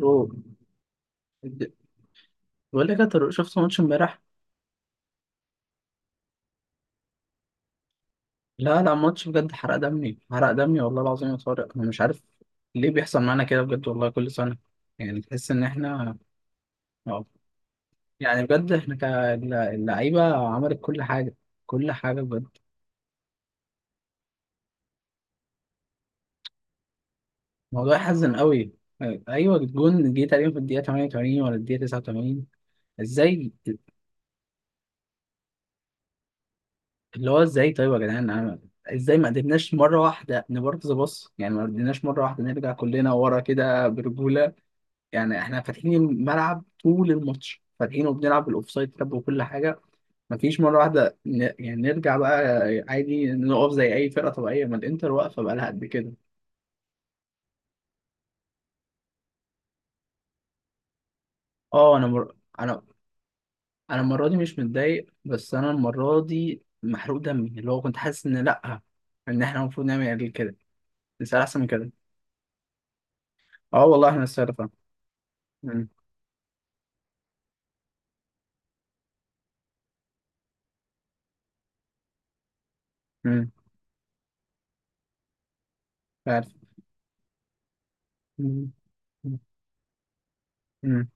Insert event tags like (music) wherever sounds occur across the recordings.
رو- بقول لك يا طارق، شفت ماتش امبارح؟ لا لا، ماتش بجد حرق دمي، حرق دمي والله العظيم يا طارق. انا مش عارف ليه بيحصل معانا كده بجد والله كل سنه. يعني تحس ان احنا اه، يعني بجد احنا كاللعيبه عملت كل حاجه، كل حاجه بجد. الموضوع يحزن قوي. آه، ايوه الجون جه تقريبا في الدقيقه 88 ولا الدقيقه 89. ازاي؟ اللي هو ازاي طيب يا جدعان؟ ازاي ما قدرناش مره واحده نبارك ذا باص؟ يعني ما قدرناش مره واحده نرجع كلنا ورا كده برجوله؟ يعني احنا فاتحين الملعب طول الماتش، فاتحينه وبنلعب بالاوفسايد تاب وكل حاجه. مفيش مره واحده يعني نرجع بقى عادي، نقف زي اي فرقه طبيعيه، ما الانتر واقفه بقى لها قد كده. اه انا انا، انا المره دي مش متضايق، بس انا المره دي محروق دمي، اللي هو كنت حاسس ان لا، ان احنا المفروض نعمل يعني كده، نسال احسن من كده. اه والله احنا نستاهل فعلا. مم. مم. عارف، مم. مم.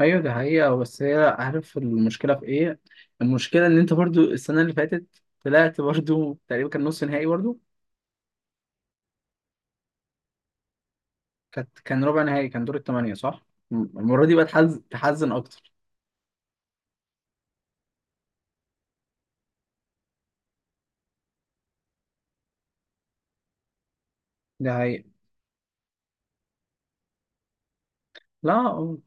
ايوه دي حقيقة. آه، بس هي عارف المشكلة في ايه؟ المشكلة ان انت برضو السنة اللي فاتت طلعت برضو تقريبا كان نص نهائي برضو. كان ربع نهائي، كان دور الثمانية صح؟ المرة دي بقى تحزن، تحزن اكتر. دي حقيقة. لا أه،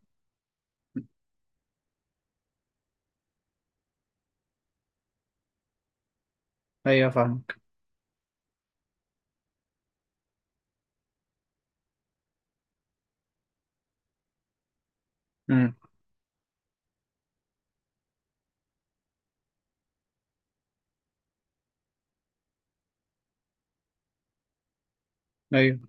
ايوه فاهمك. امم، ايوه.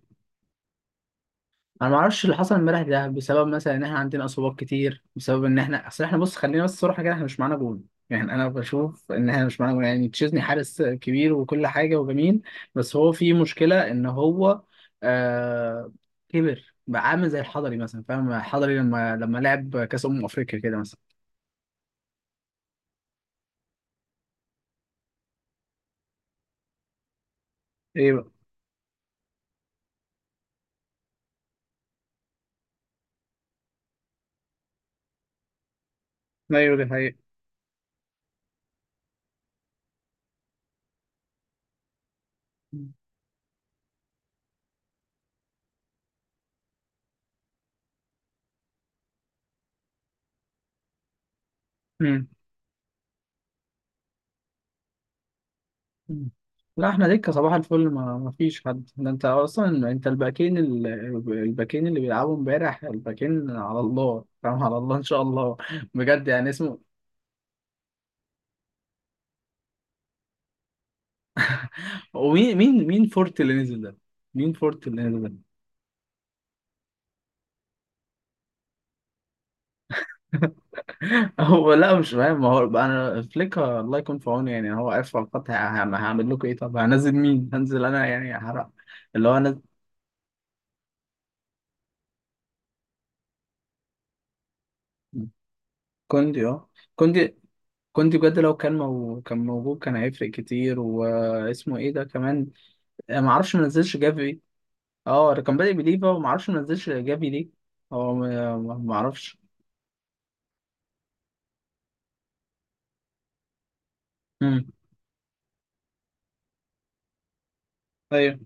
انا ما اعرفش اللي حصل امبارح ده بسبب مثلا ان احنا عندنا اصابات كتير، بسبب ان احنا، اصل احنا بص خلينا بس صراحه كده، احنا مش معانا جول. يعني انا بشوف ان احنا مش معانا جول، يعني تشيزني حارس كبير وكل حاجه وجميل، بس هو في مشكله ان هو آه، كبر بقى، عامل زي الحضري مثلا، فاهم؟ الحضري لما لعب كاس افريقيا كده مثلا. ايه بقى؟ ايوه دي حقيقة. مم. مم. لا احنا دكة صباح الفل، ما فيش حد، ده انت اصلا انت الباكين الباكين اللي بيلعبوا امبارح، الباكين على الله، فاهم؟ على الله ان شاء الله. بجد يعني اسمه. ومين مين فورت اللي نزل ده؟ مين فورت اللي نزل ده؟ (laughs) هو لا مش فاهم، ما هو بقى انا فليك الله يكون في عونه، يعني هو عارف على الخط هعمل لكم ايه؟ طب هنزل مين؟ هنزل انا؟ يعني هحرق. اللي هو انا، كوندي اه، كوندي كنت بجد لو كان كان موجود كان هيفرق كتير. واسمه ايه ده كمان؟ ما اعرفش، ما نزلش جافي. اه ده كان بادئ بليفا، وما اعرفش ما نزلش جافي ليه. هو ما اعرفش. امم، ايوه.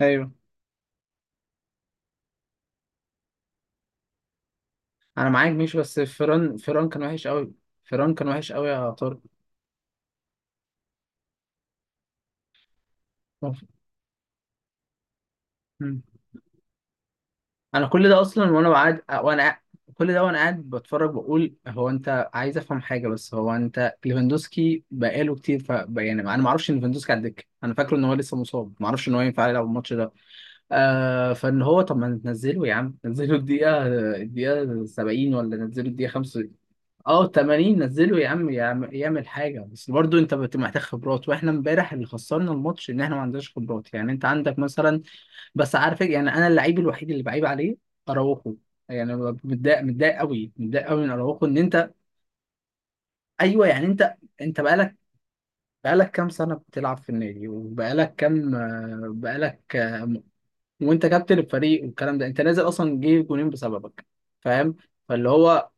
ايوه انا معاك ماشي، بس فران كان وحش قوي. فران كان وحش قوي يا طارق. مم. انا كل ده اصلا وانا قاعد كل ده وانا قاعد بتفرج، بقول هو انت عايز افهم حاجه، بس هو انت ليفاندوسكي بقاله كتير، ف يعني انا ما اعرفش ان ليفاندوسكي على الدكه، انا فاكره ان هو لسه مصاب، ما اعرفش ان هو ينفع يلعب الماتش ده. آه فان هو طب ما ننزله يا عم؟ ننزله الدقيقه 70 ولا ننزله الدقيقه 5؟ اه 80، نزله يا عم يعمل حاجه. بس برضو انت محتاج خبرات، واحنا امبارح اللي خسرنا الماتش ان احنا ما عندناش خبرات، يعني انت عندك مثلا. بس عارف إيه؟ يعني انا اللعيب الوحيد اللي بعيب عليه اراوخو. يعني أنا متضايق، متضايق قوي من اراوخو، ان انت، ايوه يعني انت، انت بقالك، بقالك كام سنه بتلعب في النادي؟ وبقالك كام آه، بقالك آه، وانت كابتن الفريق والكلام ده انت نازل اصلا جه جونين بسببك، فاهم؟ فاللي هو،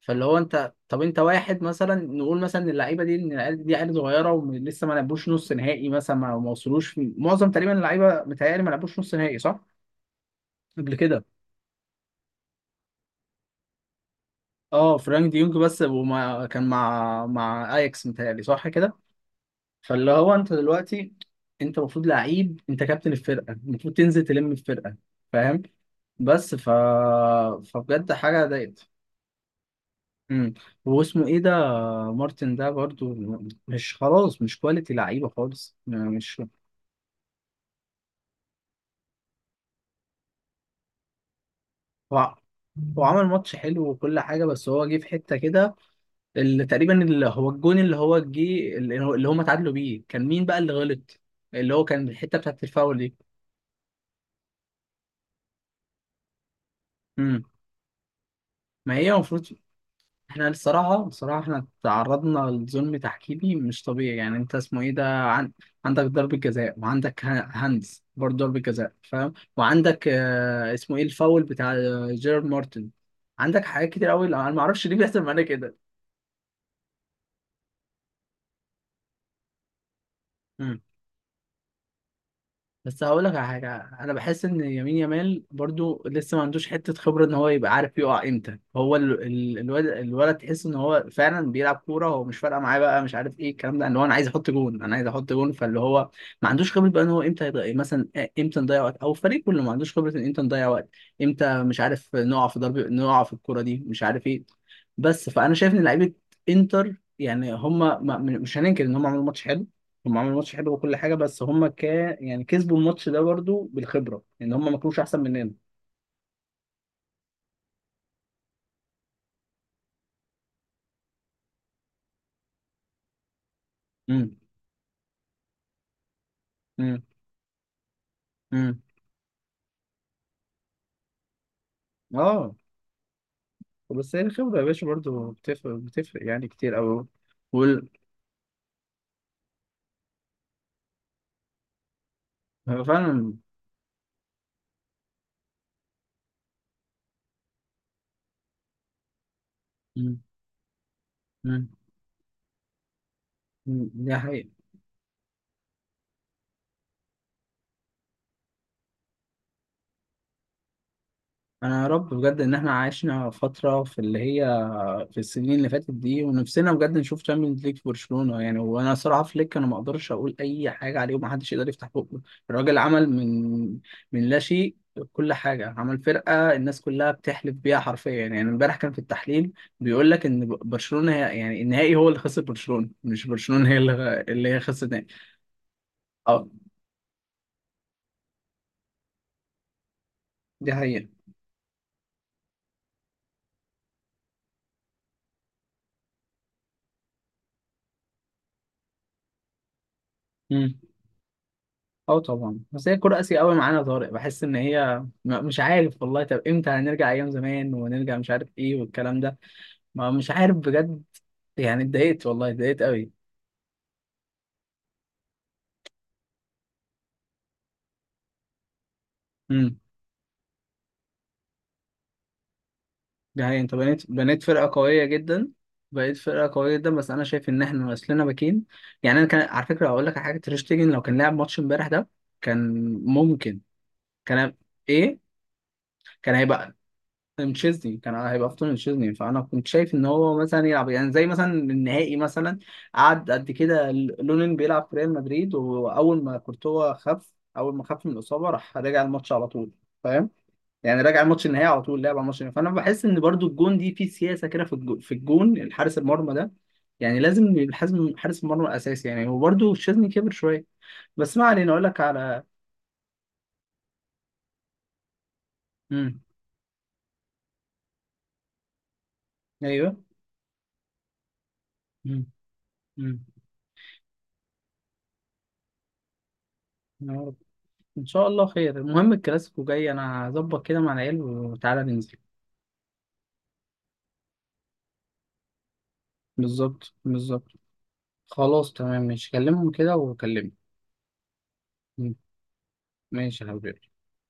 فاللي هو انت طب انت واحد مثلا، نقول مثلا اللعيبه دي ان العيال دي عيال صغيره ولسه ما لعبوش نص نهائي مثلا، ما وصلوش معظم تقريبا اللعيبه متهيألي ما لعبوش نص نهائي صح؟ قبل كده. اه فرانك ديونج بس، وما كان مع اياكس متهيألي صح كده. فاللي هو انت دلوقتي، انت المفروض لعيب، انت كابتن الفرقه، المفروض تنزل تلم الفرقه فاهم؟ بس ف، فبجد حاجه ضايقت. امم، واسمه ايه ده؟ مارتن ده برضو مش خلاص مش كواليتي لعيبه خالص، يعني مش. هو، هو عمل ماتش حلو وكل حاجه، بس هو جه في حته كده تقريبا اللي هو الجون اللي هو جه اللي هو اللي هم اتعادلوا بيه، كان مين بقى اللي غلط؟ اللي هو كان الحته بتاعت الفاول دي. امم، ما هي المفروض، احنا الصراحه بصراحه احنا تعرضنا لظلم تحكيمي مش طبيعي، يعني انت اسمه ايه ده عندك ضربه جزاء، وعندك هاندز برضه ضربه جزاء فاهم، وعندك آه، اسمه ايه الفاول بتاع آه، جيرارد مارتن. عندك حاجات كتير قوي، انا ما اعرفش ليه بيحصل معانا كده. بس هقول لك على حاجه، انا بحس ان يمين يامال برضو لسه ما عندوش حته خبره، ان هو يبقى عارف يقع امتى. هو الولد، الولد تحس ان هو فعلا بيلعب كوره، هو مش فارقه معاه بقى، مش عارف ايه الكلام ده، اللي هو انا عايز احط جون، انا عايز احط جون. فاللي هو ما عندوش خبره بقى ان هو امتى يضيع مثلا، امتى نضيع وقت، او الفريق كله ما عندوش خبره ان امتى نضيع وقت، امتى مش عارف نقع في ضرب، نقع في الكوره دي، مش عارف ايه. بس فانا شايف ان لعيبه انتر يعني هم، مش هننكر ان هم عملوا ماتش حلو، هم عملوا ماتش حلو وكل حاجه، بس هم ك، يعني كسبوا الماتش ده برضو بالخبره، ان هم ما كانوش احسن مننا. امم، امم، امم، اه. بس هي الخبره يا باشا برضو بتفرق، بتفرق يعني كتير قوي. وال... هو فعلا. امم، امم. أمم. دي حقيقه. انا يا رب بجد ان احنا عشنا فتره في اللي هي، في السنين اللي فاتت دي، ونفسنا بجد نشوف تشامبيونز ليج في برشلونة يعني. وانا صراحة فليك انا ما اقدرش اقول اي حاجة عليه، ومحدش يقدر يفتح بقه، الراجل عمل من، من لا شيء كل حاجة، عمل فرقة الناس كلها بتحلف بيها حرفيا، يعني امبارح كان في التحليل بيقول لك ان برشلونة هي يعني النهائي هو اللي خسر برشلونة، مش برشلونة هي اللي هي خسرت النهائي. اه دي حقيقة. مم. اه طبعا. بس هي كرة قاسية قوي معانا يا طارق، بحس ان هي مش عارف والله، طب امتى هنرجع ايام زمان ونرجع؟ مش عارف ايه والكلام ده. ما مش عارف بجد، يعني اتضايقت والله اتضايقت قوي. امم، ده هي انت بنيت فرقه قويه جدا، بقيت فرقه قويه جدا، بس انا شايف ان احنا ناقصنا باكين. يعني انا كان على فكره هقول لك على حاجه، تريشتيجن لو كان لعب ماتش امبارح ده كان ممكن، كان ايه، كان هيبقى تشيزني، كان هيبقى افضل من تشيزني. فانا كنت شايف ان هو مثلا يلعب يعني زي مثلا النهائي مثلا، قعد قد كده لونين بيلعب في ريال مدريد، واول ما كورتوا خف، اول ما خف من الاصابه راح رجع الماتش على طول فاهم؟ يعني راجع الماتش النهائي على طول، لعب على الماتش النهائي. فانا بحس ان برضو الجون دي في سياسه كده، في الجون، في الجون الحارس المرمى ده، يعني لازم الحزم حارس المرمى الاساسي يعني. وبرضو الشاذلي كبر شويه، بس ما علينا، اقول لك على. امم، ايوه، امم، امم. يا رب. ان شاء الله خير. المهم الكلاسيكو جاي، انا هظبط كده مع العيال وتعالى ننزل. بالظبط بالظبط. خلاص تمام ماشي، كلمهم كده وكلمني. مم. ماشي يا حبيبي.